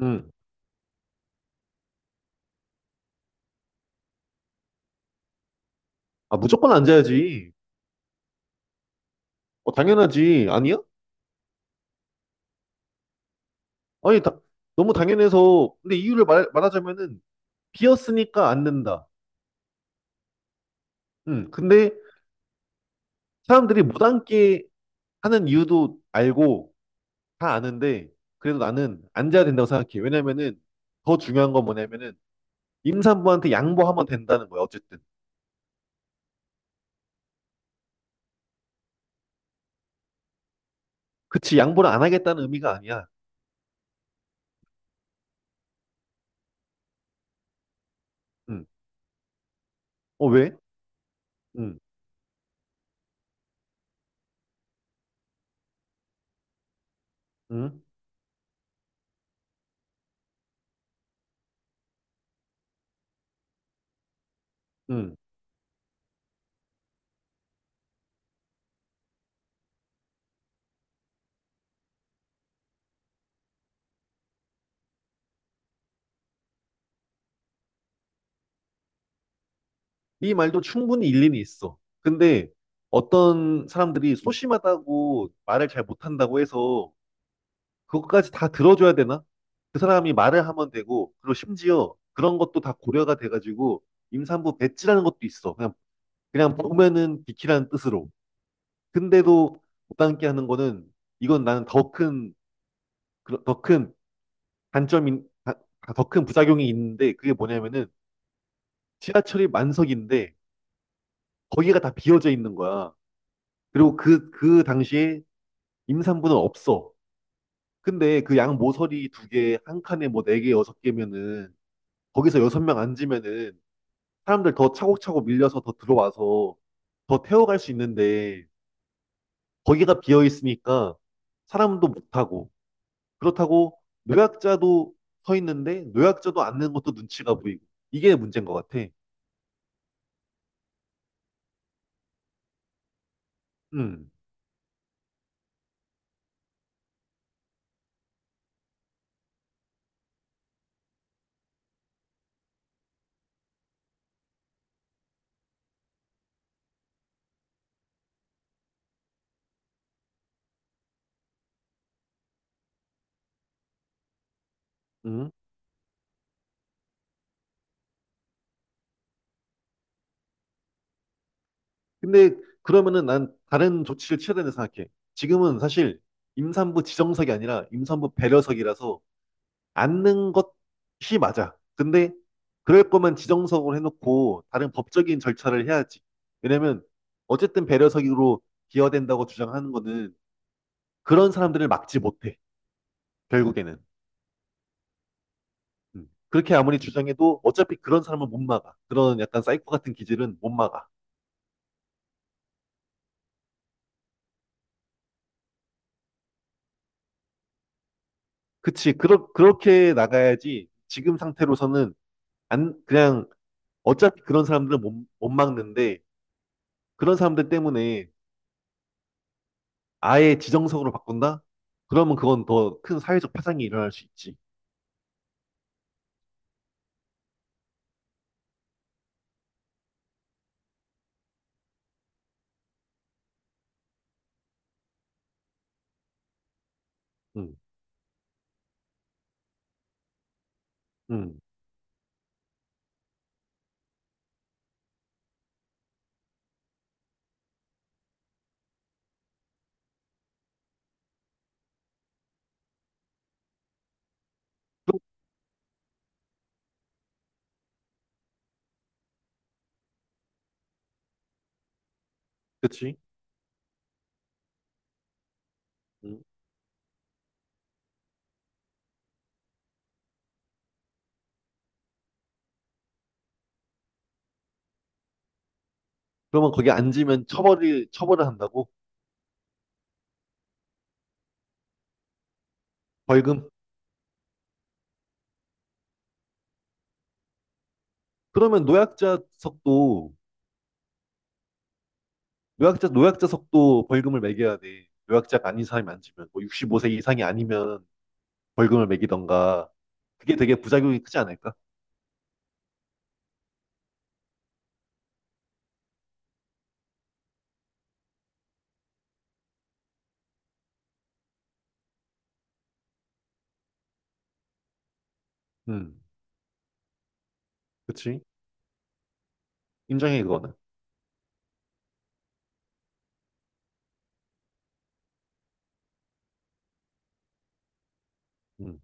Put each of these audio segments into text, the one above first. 음. 아, 무조건 앉아야지. 어, 당연하지. 아니야? 아니, 너무 당연해서. 근데 이유를 말하자면은, 비었으니까 앉는다. 음. 근데 사람들이 못 앉게 하는 이유도 알고, 다 아는데, 그래도 나는 앉아야 된다고 생각해. 왜냐면은, 더 중요한 건 뭐냐면은, 임산부한테 양보하면 된다는 거야, 어쨌든. 그치, 양보를 안 하겠다는 의미가 아니야. 음. 어, 왜? 음. 음. 음. 이 말도 충분히 일리는 있어. 근데 어떤 사람들이 소심하다고 말을 잘 못한다고 해서 그것까지 다 들어줘야 되나? 그 사람이 말을 하면 되고, 그리고 심지어 그런 것도 다 고려가 돼가지고 임산부 배지라는 것도 있어. 그냥, 그냥 보면은 비키라는 뜻으로. 근데도 못 담게 하는 거는 이건 나는 더 큰, 더 큰 단점이 더 큰 부작용이 있는데 그게 뭐냐면은 지하철이 만석인데 거기가 다 비어져 있는 거야. 그리고 그 당시에 임산부는 없어. 근데 그 양 모서리 두 개, 한 칸에 뭐 네 개, 여섯 개면은 거기서 여섯 명 앉으면은 사람들 더 차곡차곡 밀려서 더 들어와서 더 태워갈 수 있는데 거기가 비어 있으니까 사람도 못 타고 그렇다고 노약자도 서 있는데 노약자도 앉는 것도 눈치가 보이고 이게 문제인 것 같아. 음, 음. 근데 그러면은 난 다른 조치를 취해야 된다 생각해. 지금은 사실 임산부 지정석이 아니라 임산부 배려석이라서 않는 것이 맞아. 근데 그럴 거면 지정석으로 해놓고 다른 법적인 절차를 해야지. 왜냐면 어쨌든 배려석으로 기여된다고 주장하는 거는 그런 사람들을 막지 못해. 결국에는. 음. 그렇게 아무리 주장해도 어차피 그런 사람은 못 막아. 그런 약간 사이코 같은 기질은 못 막아. 그치. 그렇게 나가야지. 지금 상태로서는 안, 그냥 어차피 그런 사람들은 못 막는데 그런 사람들 때문에 아예 지정석으로 바꾼다? 그러면 그건 더 큰 사회적 파장이 일어날 수 있지. 응, 응. 그럼- 그치? 응. 그러면 거기 앉으면 처벌을 한다고? 벌금? 그러면 노약자석도, 노약자석도 벌금을 매겨야 돼. 노약자가 아닌 사람이 앉으면. 뭐 65세 이상이 아니면 벌금을 매기던가. 그게 되게 부작용이 크지 않을까? 응, 그치? 인정해, 그거는. 응.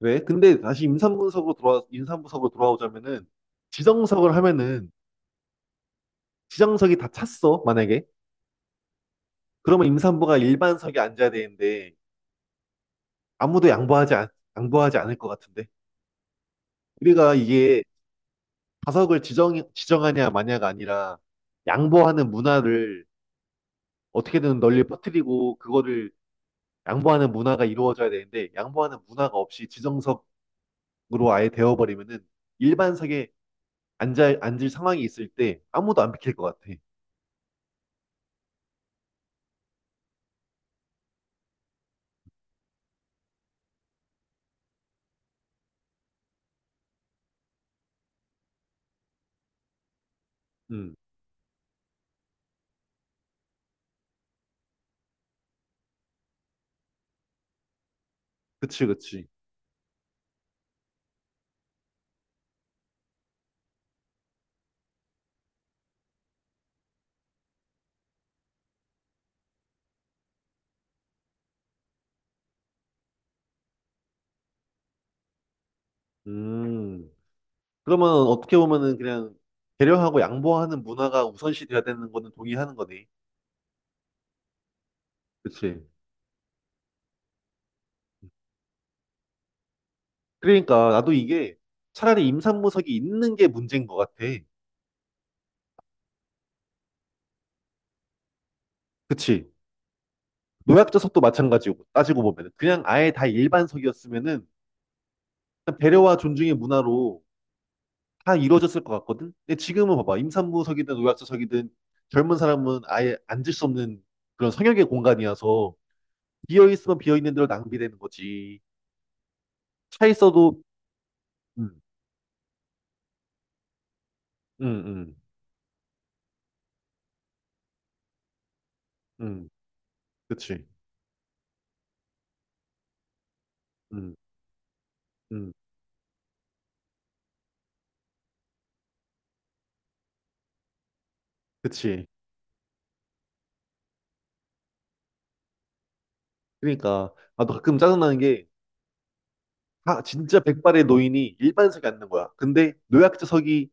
왜? 근데 다시 임산부석으로 돌아오자면은, 지정석을 하면은 지정석이 다 찼어, 만약에. 그러면 임산부가 일반석에 앉아야 되는데 아무도 양보하지, 않, 양보하지 않을 것 같은데. 우리가 이게 좌석을 지정하냐 마냐가 아니라 양보하는 문화를 어떻게든 널리 퍼뜨리고 그거를 양보하는 문화가 이루어져야 되는데 양보하는 문화가 없이 지정석으로 아예 되어버리면은 일반석에 앉을 상황이 있을 때 아무도 안 비킬 것 같아. 음, 그치, 그치. 음. 그러면 어떻게 보면은 그냥 배려하고 양보하는 문화가 우선시 돼야 되는 거는 동의하는 거네. 그치. 그러니까 나도 이게 차라리 임산부석이 있는 게 문제인 것 같아. 그치. 노약자석도 마찬가지고 따지고 보면 은 그냥 아예 다 일반석이었으면은 그냥 배려와 존중의 문화로 다 이루어졌을 것 같거든. 근데 지금은 봐봐. 임산부석이든 노약자석이든 젊은 사람은 아예 앉을 수 없는 그런 성역의 공간이어서 비어 있으면 비어 있는 대로 낭비되는 거지. 차 있어도 음, 음, 음. 음. 그치. 음, 음, 그치. 그러니까, 나도 가끔 짜증나는 게, 아, 진짜 백발의 노인이 일반석에 앉는 거야. 근데 노약자석이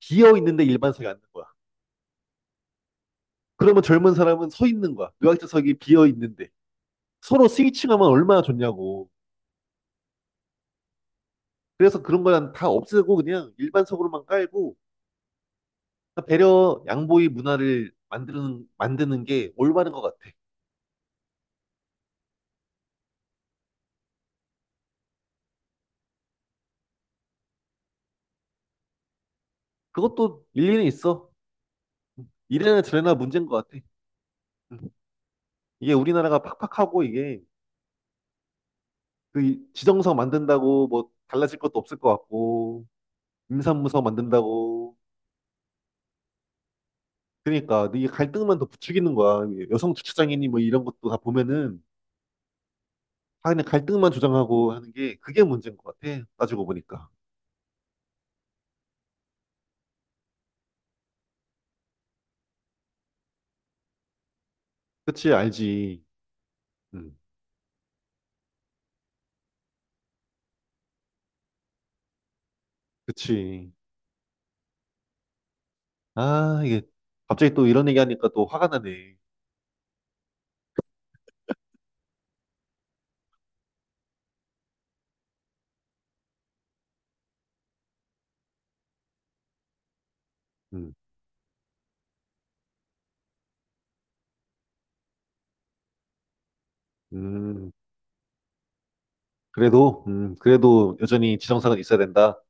비어 있는데 일반석에 앉는 거야. 그러면 젊은 사람은 서 있는 거야. 노약자석이 비어 있는데. 서로 스위칭하면 얼마나 좋냐고. 그래서 그런 거는 다 없애고 그냥 일반석으로만 깔고, 배려, 양보의 문화를 만드는 게 올바른 것 같아. 그것도 일리는 있어. 이래나 저래나 문제인 것 같아. 음. 이게 우리나라가 팍팍하고 이게 그 지정서 만든다고 뭐 달라질 것도 없을 것 같고 임산부서 만든다고 그러니까 이게 갈등만 더 부추기는 거야. 여성 주차장이니 뭐 이런 것도 다 보면은 다 그냥 갈등만 조장하고 하는 게 그게 문제인 것 같아. 따지고 보니까 그치 알지. 음. 그치. 아, 이게 갑자기 또 이런 얘기하니까 또 화가 나네. 음, 음. 그래도 그래도 여전히 지정서가 있어야 된다.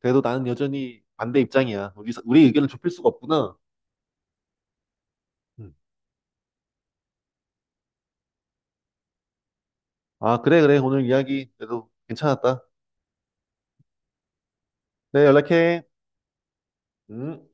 그래도 나는 여전히 반대 입장이야. 우리 의견을 좁힐 수가 없구나. 음. 아, 그래, 그래. 오늘 이야기 그래도 괜찮았다. 네, 연락해. 음.